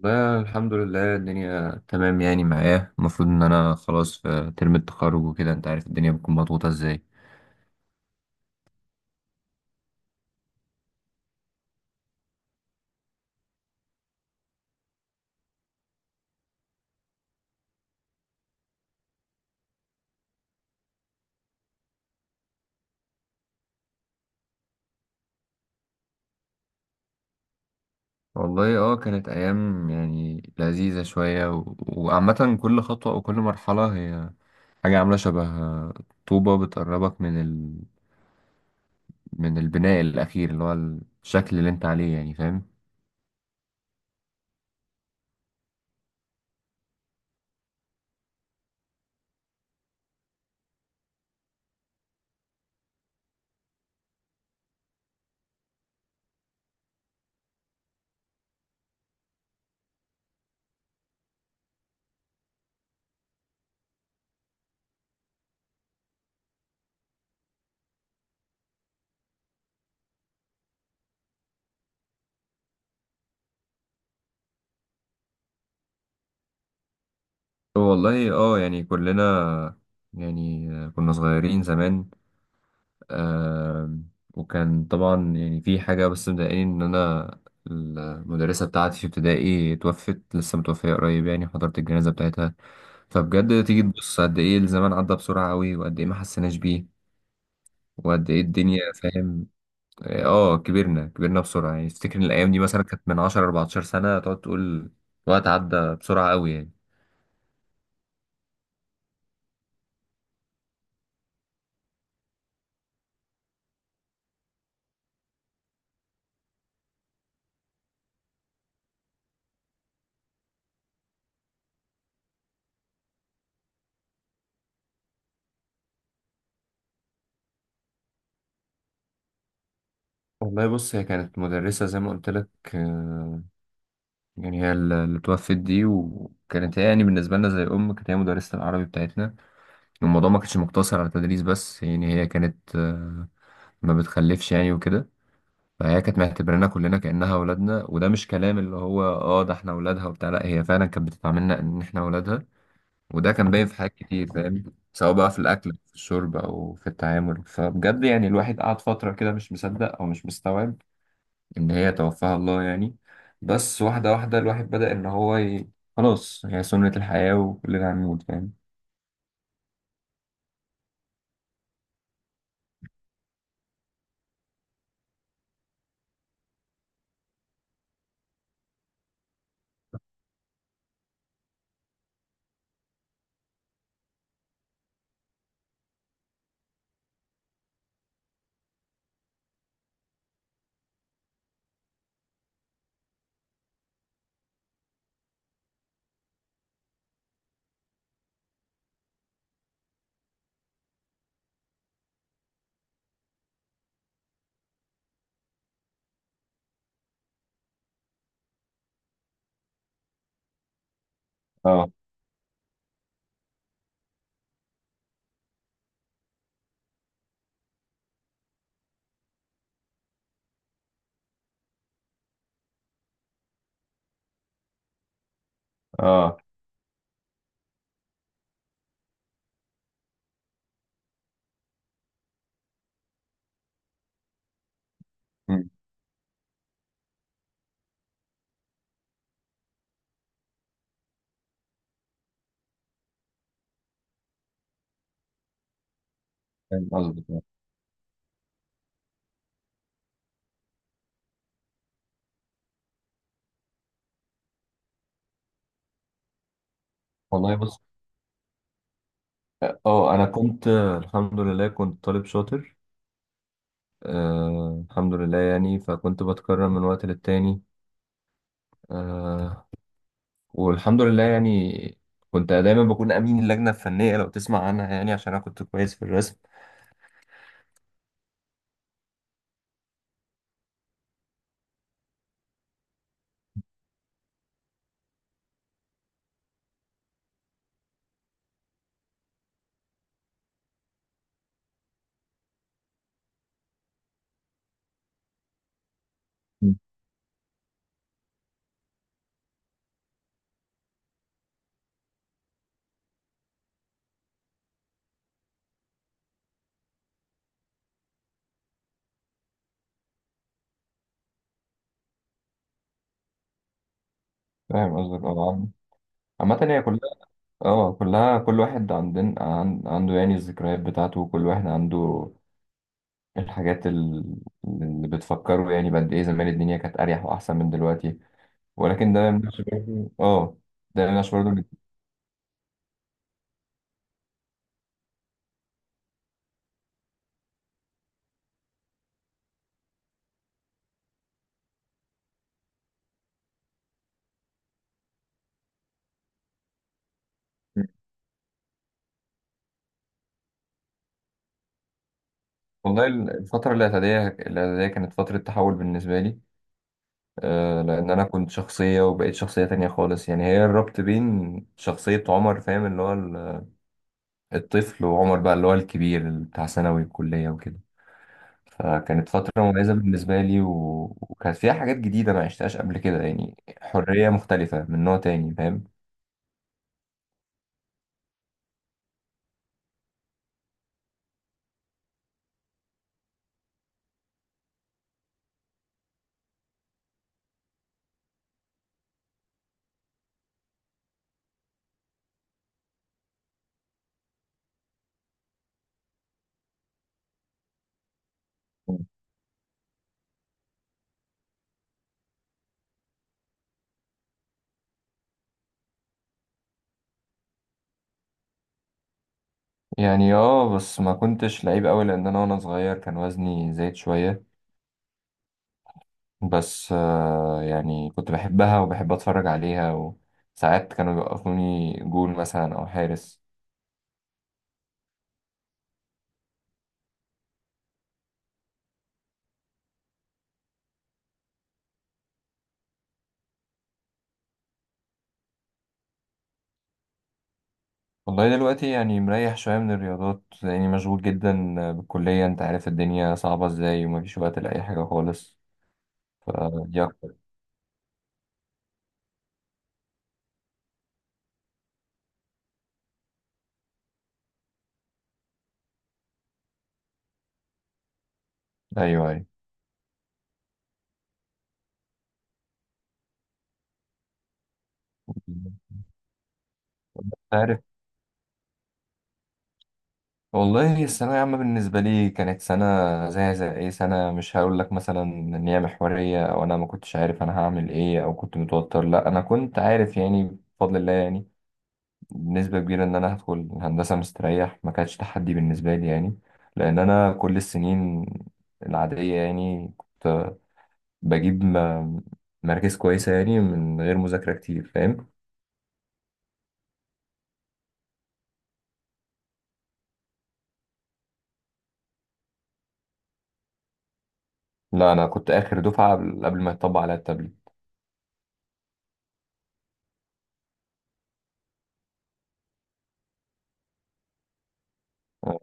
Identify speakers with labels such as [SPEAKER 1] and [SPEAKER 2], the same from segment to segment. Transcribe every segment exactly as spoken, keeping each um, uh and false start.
[SPEAKER 1] لا، الحمد لله. الدنيا تمام يعني معايا. المفروض ان انا خلاص في ترم التخرج وكده، انت عارف الدنيا بتكون مضغوطة ازاي. والله اه كانت ايام يعني لذيذة شوية و... وعامة كل خطوة او كل مرحلة هي حاجة عاملة شبه طوبة بتقربك من ال... من البناء الاخير اللي هو الشكل اللي انت عليه، يعني فاهم. والله اه يعني كلنا يعني كنا صغيرين زمان. آه وكان طبعا يعني في حاجة بس مضايقاني إن أنا المدرسة بتاعتي في ابتدائي توفت، لسه متوفية قريب، يعني حضرت الجنازة بتاعتها. فبجد تيجي تبص قد إيه الزمان عدى بسرعة أوي، وقد إيه ما حسيناش بيه، وقد إيه الدنيا، فاهم. آه كبرنا كبرنا بسرعة، يعني تفتكر إن الأيام دي مثلا كانت من عشر أربعتاشر سنة، تقعد تقول الوقت عدى بسرعة أوي يعني. والله بص، هي كانت مدرسة زي ما قلت لك، يعني هي ال- اللي توفت دي، وكانت هي يعني بالنسبة لنا زي أم. كانت هي مدرسة العربي بتاعتنا. الموضوع ما كانش مقتصر على تدريس بس، يعني هي كانت آه، ما بتخلفش يعني وكده. فهي كانت معتبرانا كلنا كأنها أولادنا، وده مش كلام اللي هو اه ده احنا أولادها وبتاع، لا هي فعلا كانت بتتعاملنا إن احنا أولادها. وده كان باين في حاجات كتير، فاهم. سواء بقى في الأكل، في الشرب، أو في التعامل. فبجد يعني الواحد قعد فترة كده مش مصدق أو مش مستوعب إن هي توفاها الله يعني. بس واحدة واحدة الواحد بدأ إن هو ي... خلاص هي سنة الحياة وكلنا هنموت، فاهم. اه، اه، مم، فاهم قصدك يعني. والله بص، اه انا كنت آه، الحمد لله كنت طالب شاطر. آه الحمد لله يعني، فكنت بتكرم من وقت للتاني. آه والحمد لله يعني كنت دايما بكون امين اللجنه الفنيه، لو تسمع عنها، يعني عشان انا كنت كويس في الرسم. مم. فاهم قصدك. اه عامة هي كلها. اه كلها كل واحد عندنا عن- عنده يعني الذكريات بتاعته، وكل واحد عنده الحاجات ال- اللي بتفكره، يعني بقد ايه زمان الدنيا كانت اريح واحسن من دلوقتي. ولكن ده مش برضه اه ده مش برضه اللي- والله الفترة الاعدادية الاعدادية كانت فترة تحول بالنسبة لي. آه لأن أنا كنت شخصية وبقيت شخصية تانية خالص، يعني هي الربط بين شخصية عمر، فاهم، اللي هو ال- الطفل، وعمر بقى اللي هو الكبير بتاع ثانوي الكلية وكده. فكانت فترة مميزة بالنسبة لي و... وكانت فيها حاجات جديدة ما عشتهاش قبل كده يعني. حرية مختلفة من نوع تاني، فاهم. يعني اه بس ما كنتش لعيب قوي، لأن أنا وأنا صغير كان وزني زايد شوية. بس آه يعني كنت بحبها وبحب أتفرج عليها. وساعات كانوا بيوقفوني جول مثلا أو حارس. والله دلوقتي يعني مريح شوية من الرياضات لأني مشغول جدا بالكلية. أنت عارف الدنيا صعبة إزاي ومفيش وقت لأي حاجة خالص. فدي أكتر. أيوه، أيوه، عارف. والله الثانوية عامة بالنسبة لي كانت سنة زي زي أي سنة. مش هقول لك مثلا إن هي محورية، أو أنا ما كنتش عارف أنا هعمل إيه، أو كنت متوتر. لا أنا كنت عارف يعني، بفضل الله يعني، بنسبة كبيرة إن أنا هدخل هندسة مستريح. ما كانش تحدي بالنسبة لي يعني، لأن أنا كل السنين العادية يعني بجيب م- مراكز كويسة يعني من غير مذاكرة كتير، فاهم. لا أنا كنت آخر دفعة قبل قبل ما يطبق عليا التابلت. اه.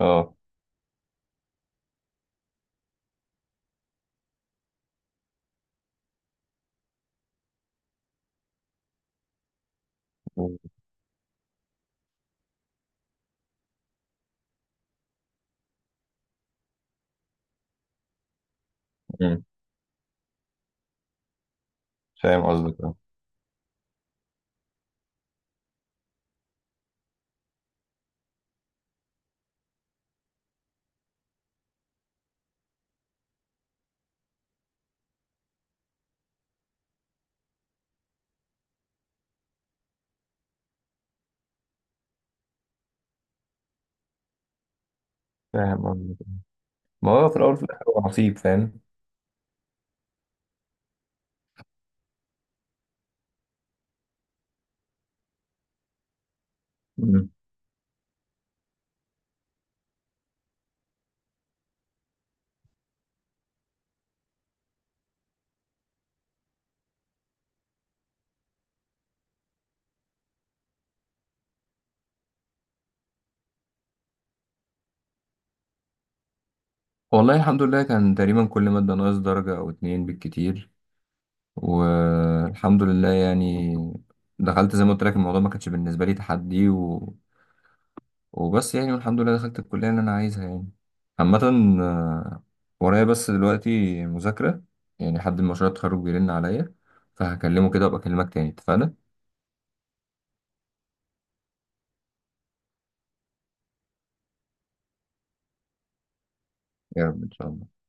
[SPEAKER 1] آه. مم. فاهم قصدك. فاهم قصدك. ما هو في الأول وفي الآخر هو نصيب، فاهم. مم. والله الحمد لله كان تقريبا كل مادة ناقص درجة أو اتنين بالكتير، والحمد لله يعني. دخلت زي ما قلت لك، الموضوع ما كانش بالنسبة لي تحدي و... وبس يعني، والحمد لله دخلت الكلية اللي أنا عايزها يعني. عامة، آه، ورايا بس دلوقتي مذاكرة، يعني حد من مشروع التخرج بيرن عليا، فهكلمه كده وأبقى أكلمك تاني، اتفقنا؟ يا رب إن شاء الله.